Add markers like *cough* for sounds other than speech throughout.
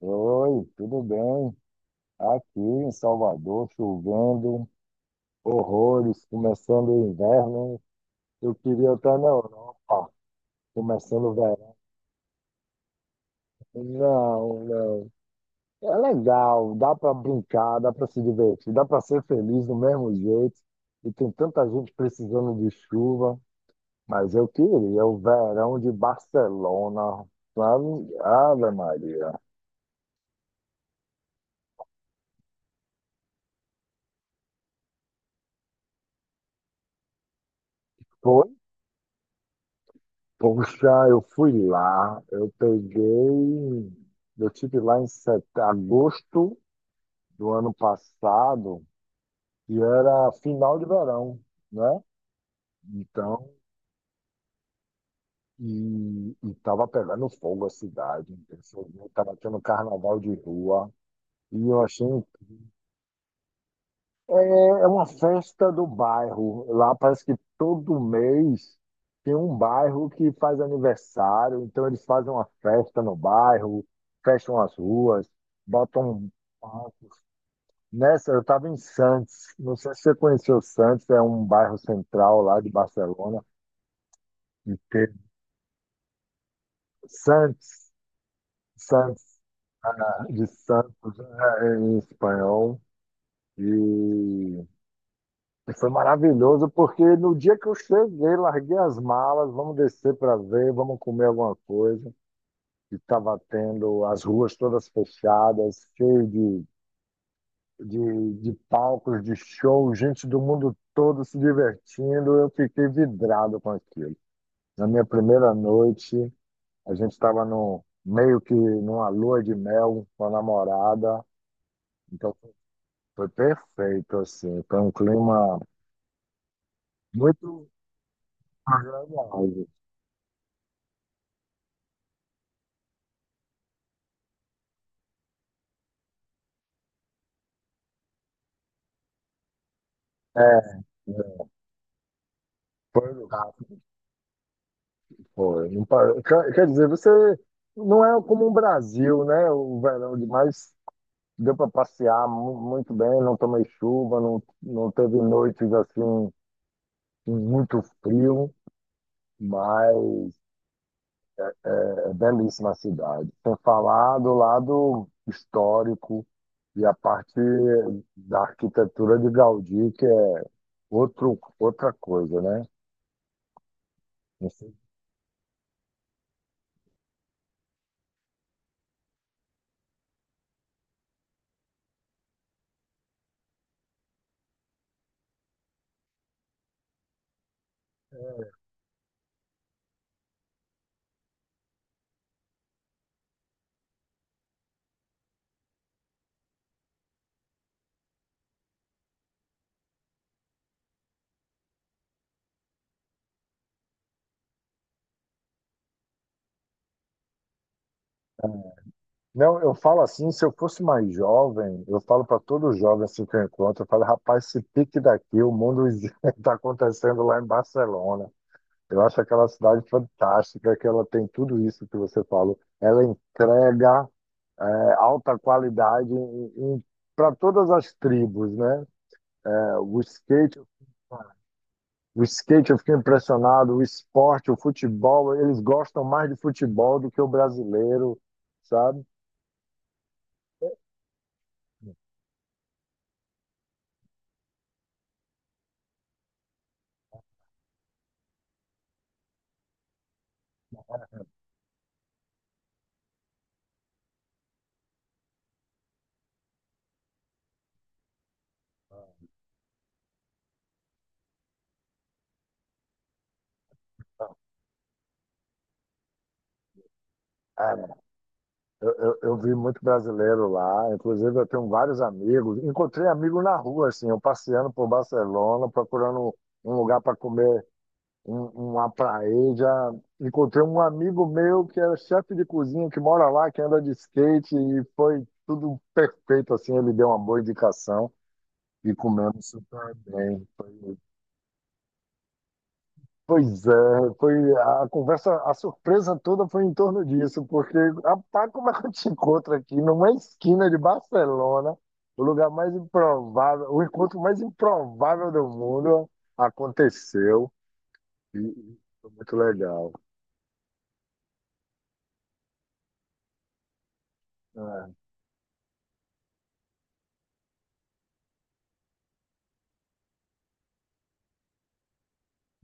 Oi, tudo bem? Aqui em Salvador, chovendo horrores, começando o inverno. Eu queria estar na Europa, começando o verão. Não, não. É legal, dá para brincar, dá para se divertir, dá para ser feliz do mesmo jeito. E tem tanta gente precisando de chuva, mas eu queria o verão de Barcelona, sabe? Ave Maria. Foi? Poxa, eu fui lá, eu peguei, eu tive lá em agosto do ano passado, e era final de verão, né? Então, e tava pegando fogo a cidade, estava tendo carnaval de rua, e eu achei. É, é uma festa do bairro. Lá parece que todo mês tem um bairro que faz aniversário, então eles fazem uma festa no bairro, fecham as ruas, botam palcos. Nessa, eu estava em Santos, não sei se você conheceu Santos, é um bairro central lá de Barcelona, e teve Santos, Santos, ah, de Santos, é, é, em espanhol, e. E foi maravilhoso, porque no dia que eu cheguei, larguei as malas, vamos descer para ver, vamos comer alguma coisa. E estava tendo as ruas todas fechadas, cheio de palcos, de show, gente do mundo todo se divertindo. Eu fiquei vidrado com aquilo. Na minha primeira noite, a gente estava no, meio que numa lua de mel com a namorada. Então foi perfeito, assim. Foi um clima muito agradável. É, é. Foi o gato, foi. Não par- Quer dizer, você não é como o Brasil, né? O verão demais deu para passear mu- muito bem, não tomei chuva, não, não teve noites assim com muito frio, mas é, é belíssima a cidade. Sem falar do lado histórico e a parte da arquitetura de Gaudí, que é outro, outra coisa, né? Não, eu falo assim, se eu fosse mais jovem, eu falo para todo jovem assim que eu encontro, eu falo, rapaz, se pique daqui, o mundo *laughs* está acontecendo lá em Barcelona. Eu acho aquela cidade fantástica, que ela tem tudo isso que você falou. Ela entrega é, alta qualidade para todas as tribos, né? É, o skate eu fiquei impressionado, o esporte, o futebol, eles gostam mais de futebol do que o brasileiro, sabe? É, eu vi muito brasileiro lá, inclusive eu tenho vários amigos. Encontrei amigo na rua, assim, eu passeando por Barcelona, procurando um lugar para comer uma paella. Encontrei um amigo meu que é chefe de cozinha, que mora lá, que anda de skate, e foi tudo perfeito, assim, ele deu uma boa indicação e comemos super bem. Foi. Pois é, foi a conversa, a surpresa toda foi em torno disso, porque rapaz, como é que eu te encontro aqui numa esquina de Barcelona, o lugar mais improvável, o encontro mais improvável do mundo aconteceu e foi muito legal. É,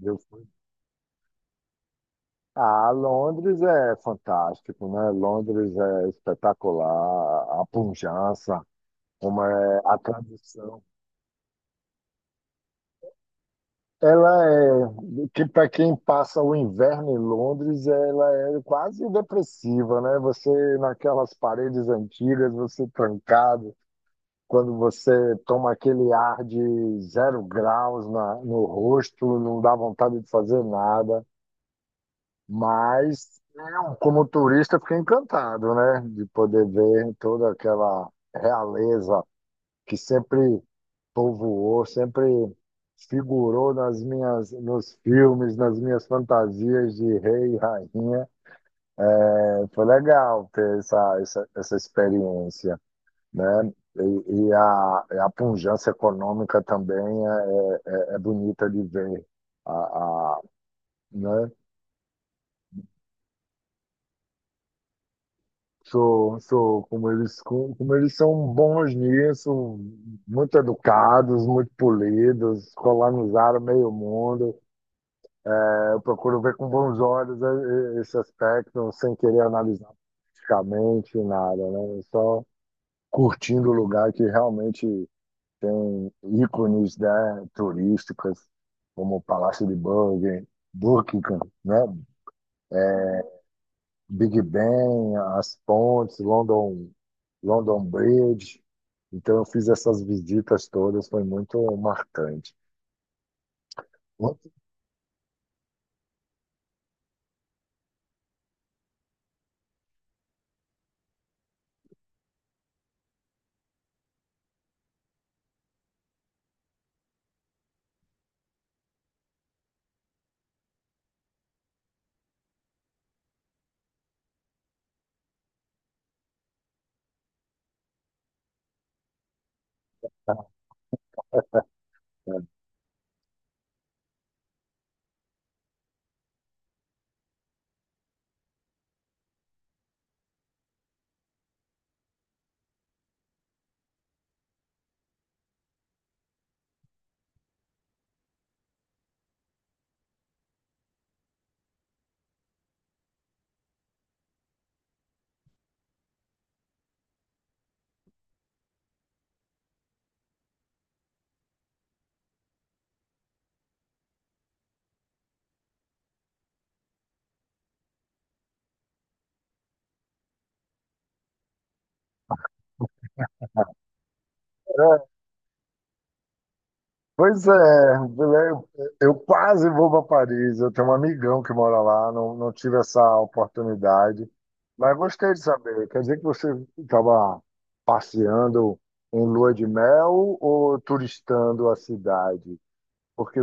eu fui- Ah, Londres é fantástico, né? Londres é espetacular, a pujança, como é a tradição. Ela é, que para quem passa o inverno em Londres, ela é quase depressiva, né? Você naquelas paredes antigas, você trancado, quando você toma aquele ar de zero graus na, no rosto, não dá vontade de fazer nada. Mas eu, como turista, fiquei encantado, né? De poder ver toda aquela realeza que sempre povoou, sempre figurou nas minhas, nos filmes, nas minhas fantasias de rei e rainha. É, foi legal ter essa, essa, essa experiência, né? E a pujança econômica também é, é bonita de ver. A, né? Sou, sou, como eles, como eles são bons nisso, muito educados, muito polidos, colonizaram meio mundo. Eu procuro ver com bons olhos esse aspecto, sem querer analisar politicamente nada, né? É. Só curtindo o lugar que realmente tem ícones, né, turísticas, como o Palácio de Buckingham, Buckingham, né? Big Ben, as pontes, London, London Bridge. Então, eu fiz essas visitas todas, foi muito marcante. É, pois é, eu, eu quase vou para Paris. Eu tenho um amigão que mora lá, não, não tive essa oportunidade. Mas gostei de saber. Quer dizer que você estava passeando em lua de mel ou turistando a cidade? Porque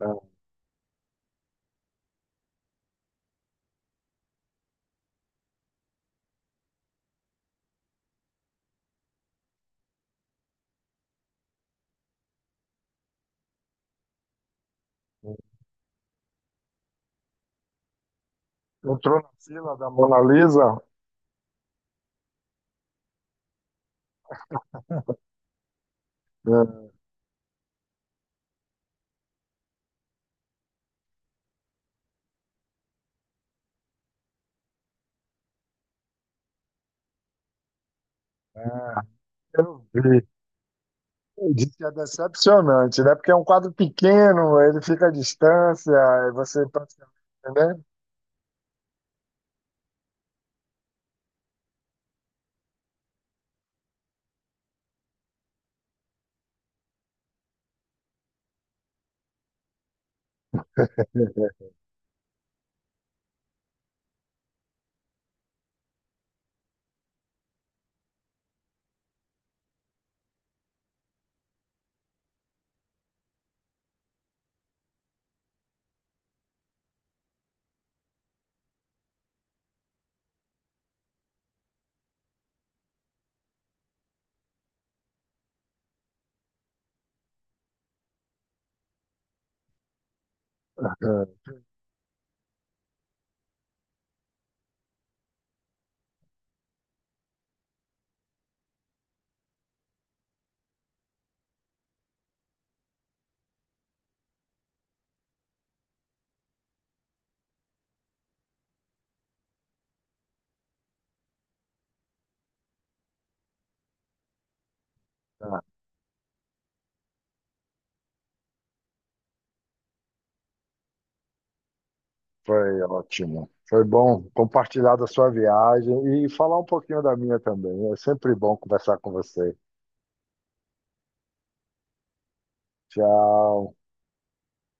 é, entrou na fila da Mona Lisa, é, eu vi. Diz que é decepcionante, né? Porque é um quadro pequeno, ele fica à distância, e você praticamente, né? *laughs* Foi ótimo. Foi bom compartilhar da sua viagem e falar um pouquinho da minha também. É sempre bom conversar com você. Tchau.